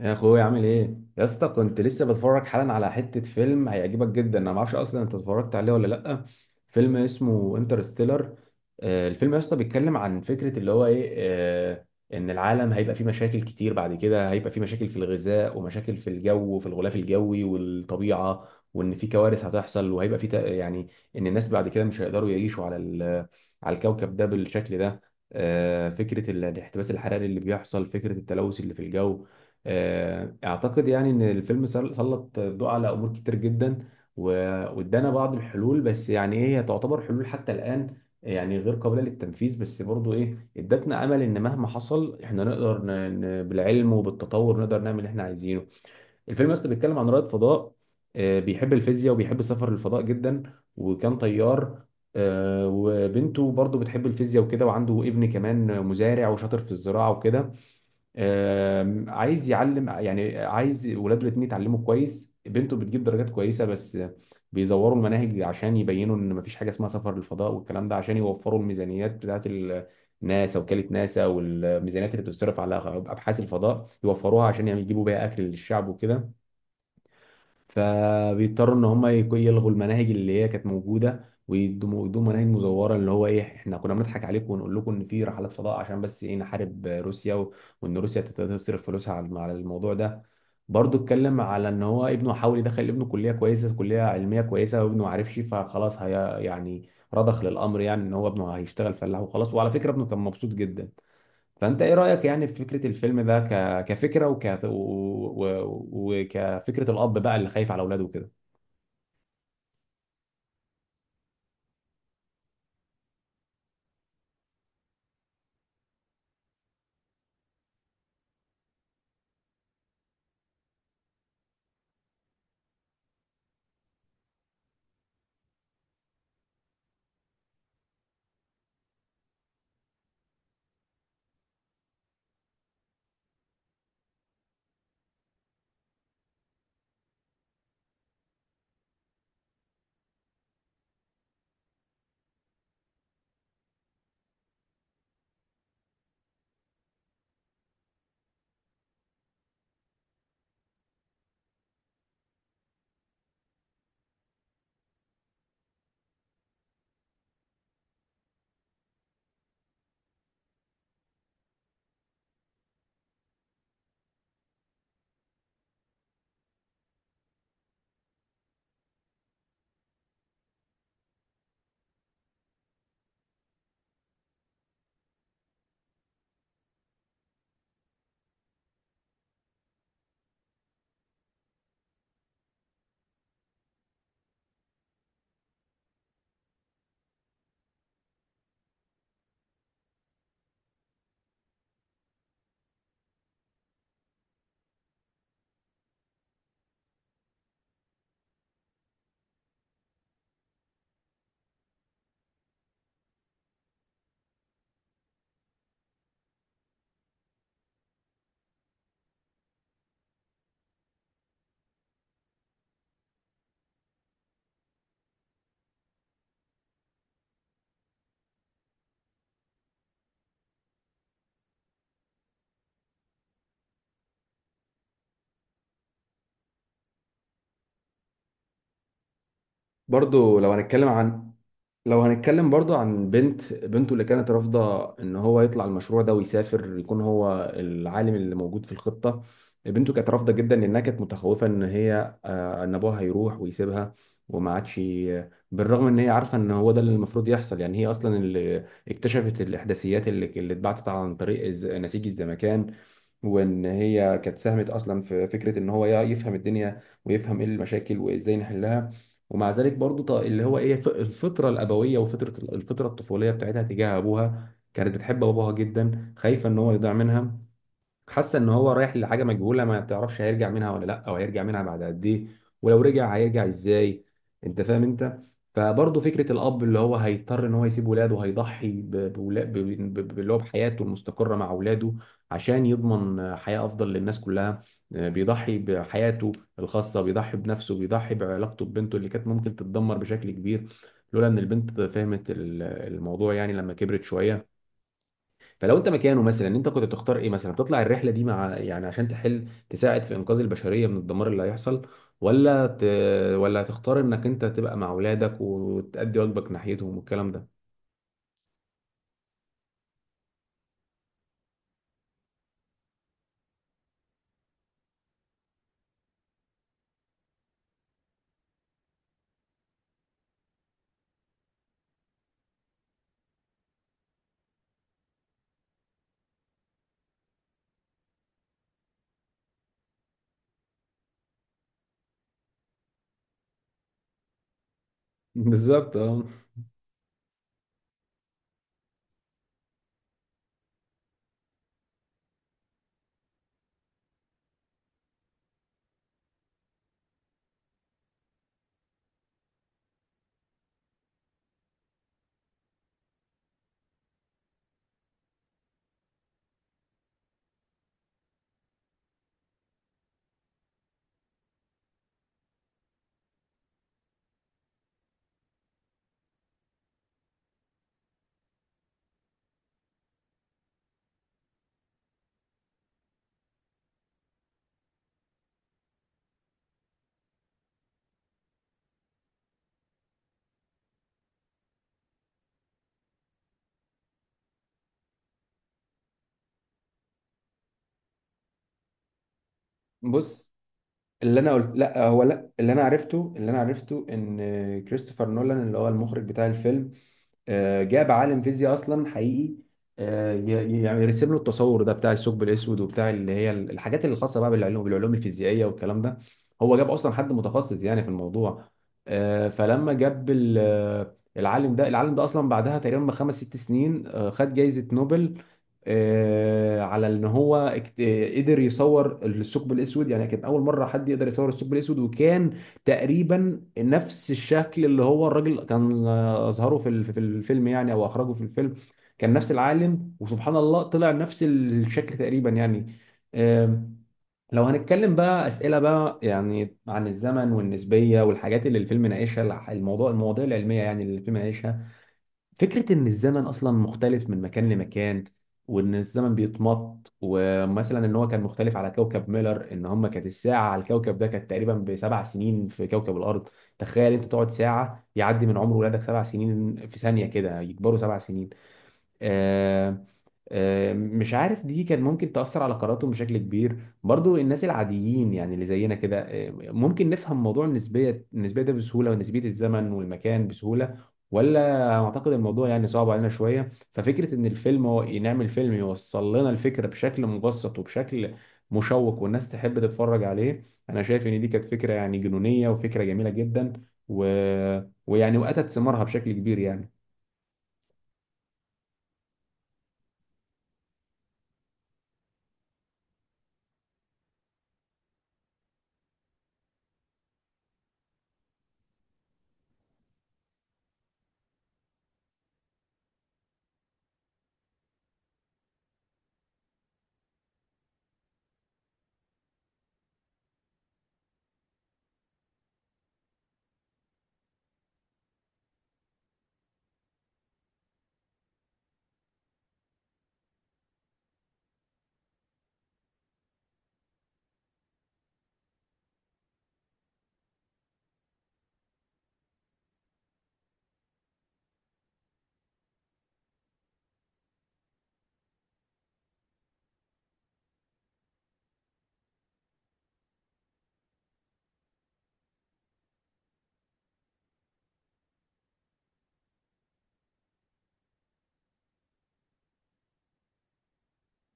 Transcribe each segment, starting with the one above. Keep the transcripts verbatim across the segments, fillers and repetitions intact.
يا اخويا عامل ايه يا اسطى؟ كنت لسه بتفرج حالا على حته فيلم هيعجبك جدا. انا ما اعرفش اصلا انت اتفرجت عليه ولا لا. فيلم اسمه انترستيلر. الفيلم يا اسطى بيتكلم عن فكره اللي هو ايه، آه، ان العالم هيبقى فيه مشاكل كتير بعد كده، هيبقى فيه مشاكل في الغذاء ومشاكل في الجو وفي الغلاف الجوي والطبيعه، وان في كوارث هتحصل وهيبقى فيه تق- يعني ان الناس بعد كده مش هيقدروا يعيشوا على ال- على الكوكب ده بالشكل ده. آه، فكره ال- الاحتباس الحراري اللي بيحصل، فكره التلوث اللي في الجو. آه، اعتقد يعني ان الفيلم سل- سلط الضوء على امور كتير جدا و- وادانا بعض الحلول. بس يعني ايه، هي تعتبر حلول حتى الان يعني غير قابله للتنفيذ، بس برضو ايه، ادتنا امل ان مهما حصل احنا نقدر ن... ن... بالعلم وبالتطور نقدر نعمل اللي احنا عايزينه. الفيلم اصلا بيتكلم عن رائد فضاء، آه، بيحب الفيزياء وبيحب السفر للفضاء جدا، وكان طيار. آه، وبنته برضو بتحب الفيزياء وكده، وعنده ابن كمان مزارع وشاطر في الزراعه وكده. آم، عايز يعلم، يعني عايز ولاده الاثنين يتعلموا كويس. بنته بتجيب درجات كويسه، بس بيزوروا المناهج عشان يبينوا ان مفيش حاجه اسمها سفر للفضاء والكلام ده، عشان يوفروا الميزانيات بتاعت ال- ناسا، وكاله ناسا، والميزانيات اللي بتصرف على ابحاث الفضاء يوفروها عشان يعني يجيبوا بيها اكل للشعب وكده. فبيضطروا ان هم يك- يلغوا المناهج اللي هي كانت موجوده ويدوا ويدوا مناهج مزوره، اللي هو ايه، احنا كنا بنضحك عليكم ونقول لكم ان في رحلات فضاء، عشان بس ايه، نحارب روسيا و- وان روسيا تت- تصرف فلوسها على على الموضوع ده. برضه اتكلم على ان هو ابنه حاول يدخل ابنه كليه كويسه، كليه علميه كويسه، وابنه ما عرفش، فخلاص هي يعني رضخ للامر، يعني ان هو ابنه هيشتغل فلاح وخلاص. وعلى فكره ابنه كان مبسوط جدا. فانت ايه رايك يعني في فكره الفيلم ده ك... كفكره وك... و... و... وكفكره الاب بقى اللي خايف على اولاده وكده؟ برضو لو هنتكلم عن لو هنتكلم برضو عن بنت بنته اللي كانت رافضة ان هو يطلع المشروع ده ويسافر يكون هو العالم اللي موجود في الخطة. بنته كانت رافضة جدا لانها كانت متخوفة ان هي، آه، ان ابوها هيروح ويسيبها، وما عادش ي- بالرغم ان هي عارفة ان هو ده اللي المفروض يحصل، يعني هي اصلا اللي اكتشفت الاحداثيات اللي اللي اتبعتت عن طريق الز- نسيج الزمكان، وان هي كانت ساهمت اصلا في فكره ان هو يفهم الدنيا ويفهم ايه المشاكل وازاي نحلها. ومع ذلك برضو ط- اللي هو ايه ف- الفطره الابويه وفطره الفطره الطفوليه بتاعتها تجاه ابوها، كانت بتحب ابوها جدا، خايفه ان هو يضيع منها، حاسه ان هو رايح لحاجه مجهوله ما تعرفش هيرجع منها ولا لا، او هيرجع منها بعد قد ايه، ولو رجع هيرجع ازاي. انت فاهم انت. فبرضه فكره الاب اللي هو هيضطر ان هو يسيب ولاده، هيضحي ب- بولا- ب- ب- ب- اللي هو بحياته المستقره مع اولاده عشان يضمن حياه افضل للناس كلها. آه، بيضحي بحياته الخاصه، بيضحي بنفسه، بيضحي بعلاقته ببنته اللي كانت ممكن تتدمر بشكل كبير لولا ان البنت فهمت ال- الموضوع، يعني لما كبرت شويه. فلو انت مكانه مثلا، انت كنت تختار ايه؟ مثلا تطلع الرحله دي مع يعني عشان تحل تساعد في انقاذ البشريه من الدمار اللي هيحصل، ولا ت... ولا تختار انك انت تبقى مع اولادك وتأدي واجبك ناحيتهم والكلام ده؟ بالظبط اه. بص، اللي انا قلت لا، هو لا، اللي انا عرفته اللي انا عرفته ان كريستوفر نولان اللي هو المخرج بتاع الفيلم، آه، جاب عالم فيزياء اصلا حقيقي، آه، ي- يعني يرسم له التصور ده بتاع الثقب الاسود وبتاع اللي هي الحاجات اللي خاصه بقى بالعلوم، بالعلوم الفيزيائيه والكلام ده. هو جاب اصلا حد متخصص يعني في الموضوع. آه، فلما جاب ال- آه، العالم ده، العالم ده اصلا بعدها تقريبا بخمس ست سنين آه، خد جائزه نوبل، آه، على ان هو اكت- آه، قدر يصور الثقب الاسود. يعني كان اول مره حد يقدر يصور الثقب الاسود، وكان تقريبا نفس الشكل اللي هو الراجل كان آه، اظهره في ال- في الفيلم، يعني او اخرجه في الفيلم. كان نفس العالم وسبحان الله طلع نفس الشكل تقريبا يعني. آم، لو هنتكلم بقى اسئله بقى يعني عن الزمن والنسبيه والحاجات اللي الفيلم ناقشها، الح- الموضوع المواضيع العلميه يعني اللي الفيلم ناقشها. فكرة إن الزمن أصلا مختلف من مكان لمكان، وإن الزمن بيتمط، ومثلا إن هو كان مختلف على كوكب ميلر، إن هم كانت الساعة على الكوكب ده كانت تقريبا بسبع سنين في كوكب الأرض. تخيل أنت تقعد ساعة يعدي من عمر ولادك سبع سنين، في ثانية كده يكبروا سبع سنين. آه، آه، مش عارف دي كان ممكن تأثر على قراراتهم بشكل كبير. برضو الناس العاديين يعني اللي زينا كده، آه، ممكن نفهم موضوع النسبية، النسبية ده بسهولة، ونسبية الزمن والمكان بسهولة، ولا أعتقد الموضوع يعني صعب علينا شوية؟ ففكرة إن الفيلم هو نعمل فيلم يوصل لنا الفكرة بشكل مبسط وبشكل مشوق والناس تحب تتفرج عليه، أنا شايف إن دي كانت فكرة يعني جنونية وفكرة جميلة جدا، و... ويعني وأتت ثمارها بشكل كبير يعني.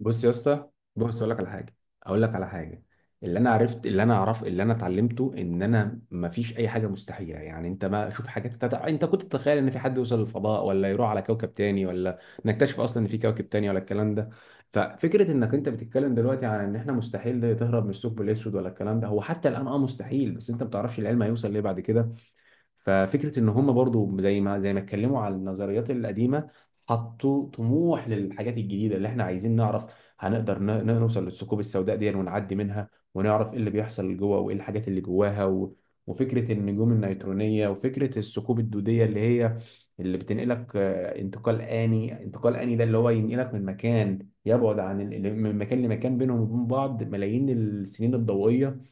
بص يا اسطى، بص اقول لك على حاجه، اقول لك على حاجه اللي انا عرفت، اللي انا اعرف اللي انا اتعلمته، ان انا ما فيش اي حاجه مستحيله. يعني انت ما شوف حاجات تتع... انت كنت تتخيل ان في حد يوصل للفضاء، ولا يروح على كوكب تاني، ولا نكتشف اصلا ان في كوكب تاني ولا الكلام ده؟ ففكره انك انت بتتكلم دلوقتي عن ان احنا مستحيل تهرب من الثقب الاسود ولا الكلام ده، هو حتى الان اه مستحيل، بس انت ما بتعرفش العلم هيوصل ليه بعد كده. ففكره ان هم برضو زي ما زي ما اتكلموا على النظريات القديمه، حطوا طموح للحاجات الجديده اللي احنا عايزين نعرف. هنقدر ن- ن- نوصل للثقوب السوداء دي ونعدي منها ونعرف ايه اللي بيحصل جوه وايه الحاجات اللي جواها، و... وفكره النجوم النيترونيه وفكره الثقوب الدوديه اللي هي اللي بتنقلك، آه، انتقال آني. انتقال آني ده اللي هو ينقلك من مكان يبعد عن ال... من مكان لمكان بينهم وبين بعض ملايين السنين الضوئية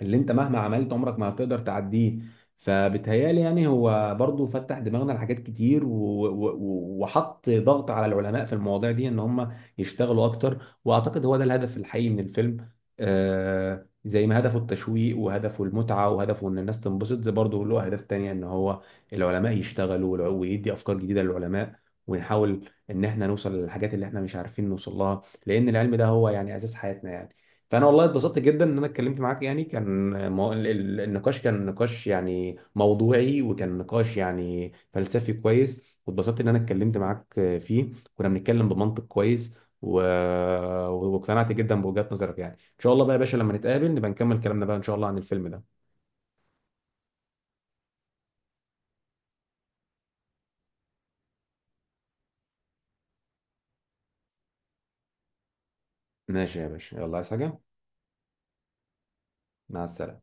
اللي انت مهما عملت عمرك ما هتقدر تعديه. فبتهيالي يعني هو برضو فتح دماغنا لحاجات كتير، و... و... و- وحط ضغط على العلماء في المواضيع دي ان هم يشتغلوا اكتر، واعتقد هو ده الهدف الحقيقي من الفيلم. آه زي ما هدفه التشويق وهدفه المتعة وهدفه ان الناس تنبسط، زي برضه له اهداف تانية، ان هو العلماء يشتغلوا والع- ويدي افكار جديدة للعلماء، ونحاول ان احنا نوصل للحاجات اللي احنا مش عارفين نوصل لها، لان العلم ده هو يعني اساس حياتنا يعني. فانا والله اتبسطت جدا ان انا اتكلمت معاك. يعني كان مو... ال- ال- النقاش كان نقاش يعني موضوعي، وكان نقاش يعني فلسفي كويس، واتبسطت ان انا اتكلمت معاك فيه، كنا بنتكلم بمنطق كويس، و... واقتنعت جدا بوجهات نظرك. يعني ان شاء الله بقى يا باشا لما نتقابل نبقى نكمل كلامنا بقى ان شاء الله عن الفيلم ده. ماشي يا باشا، يلا عايز حاجة؟ مع السلامة.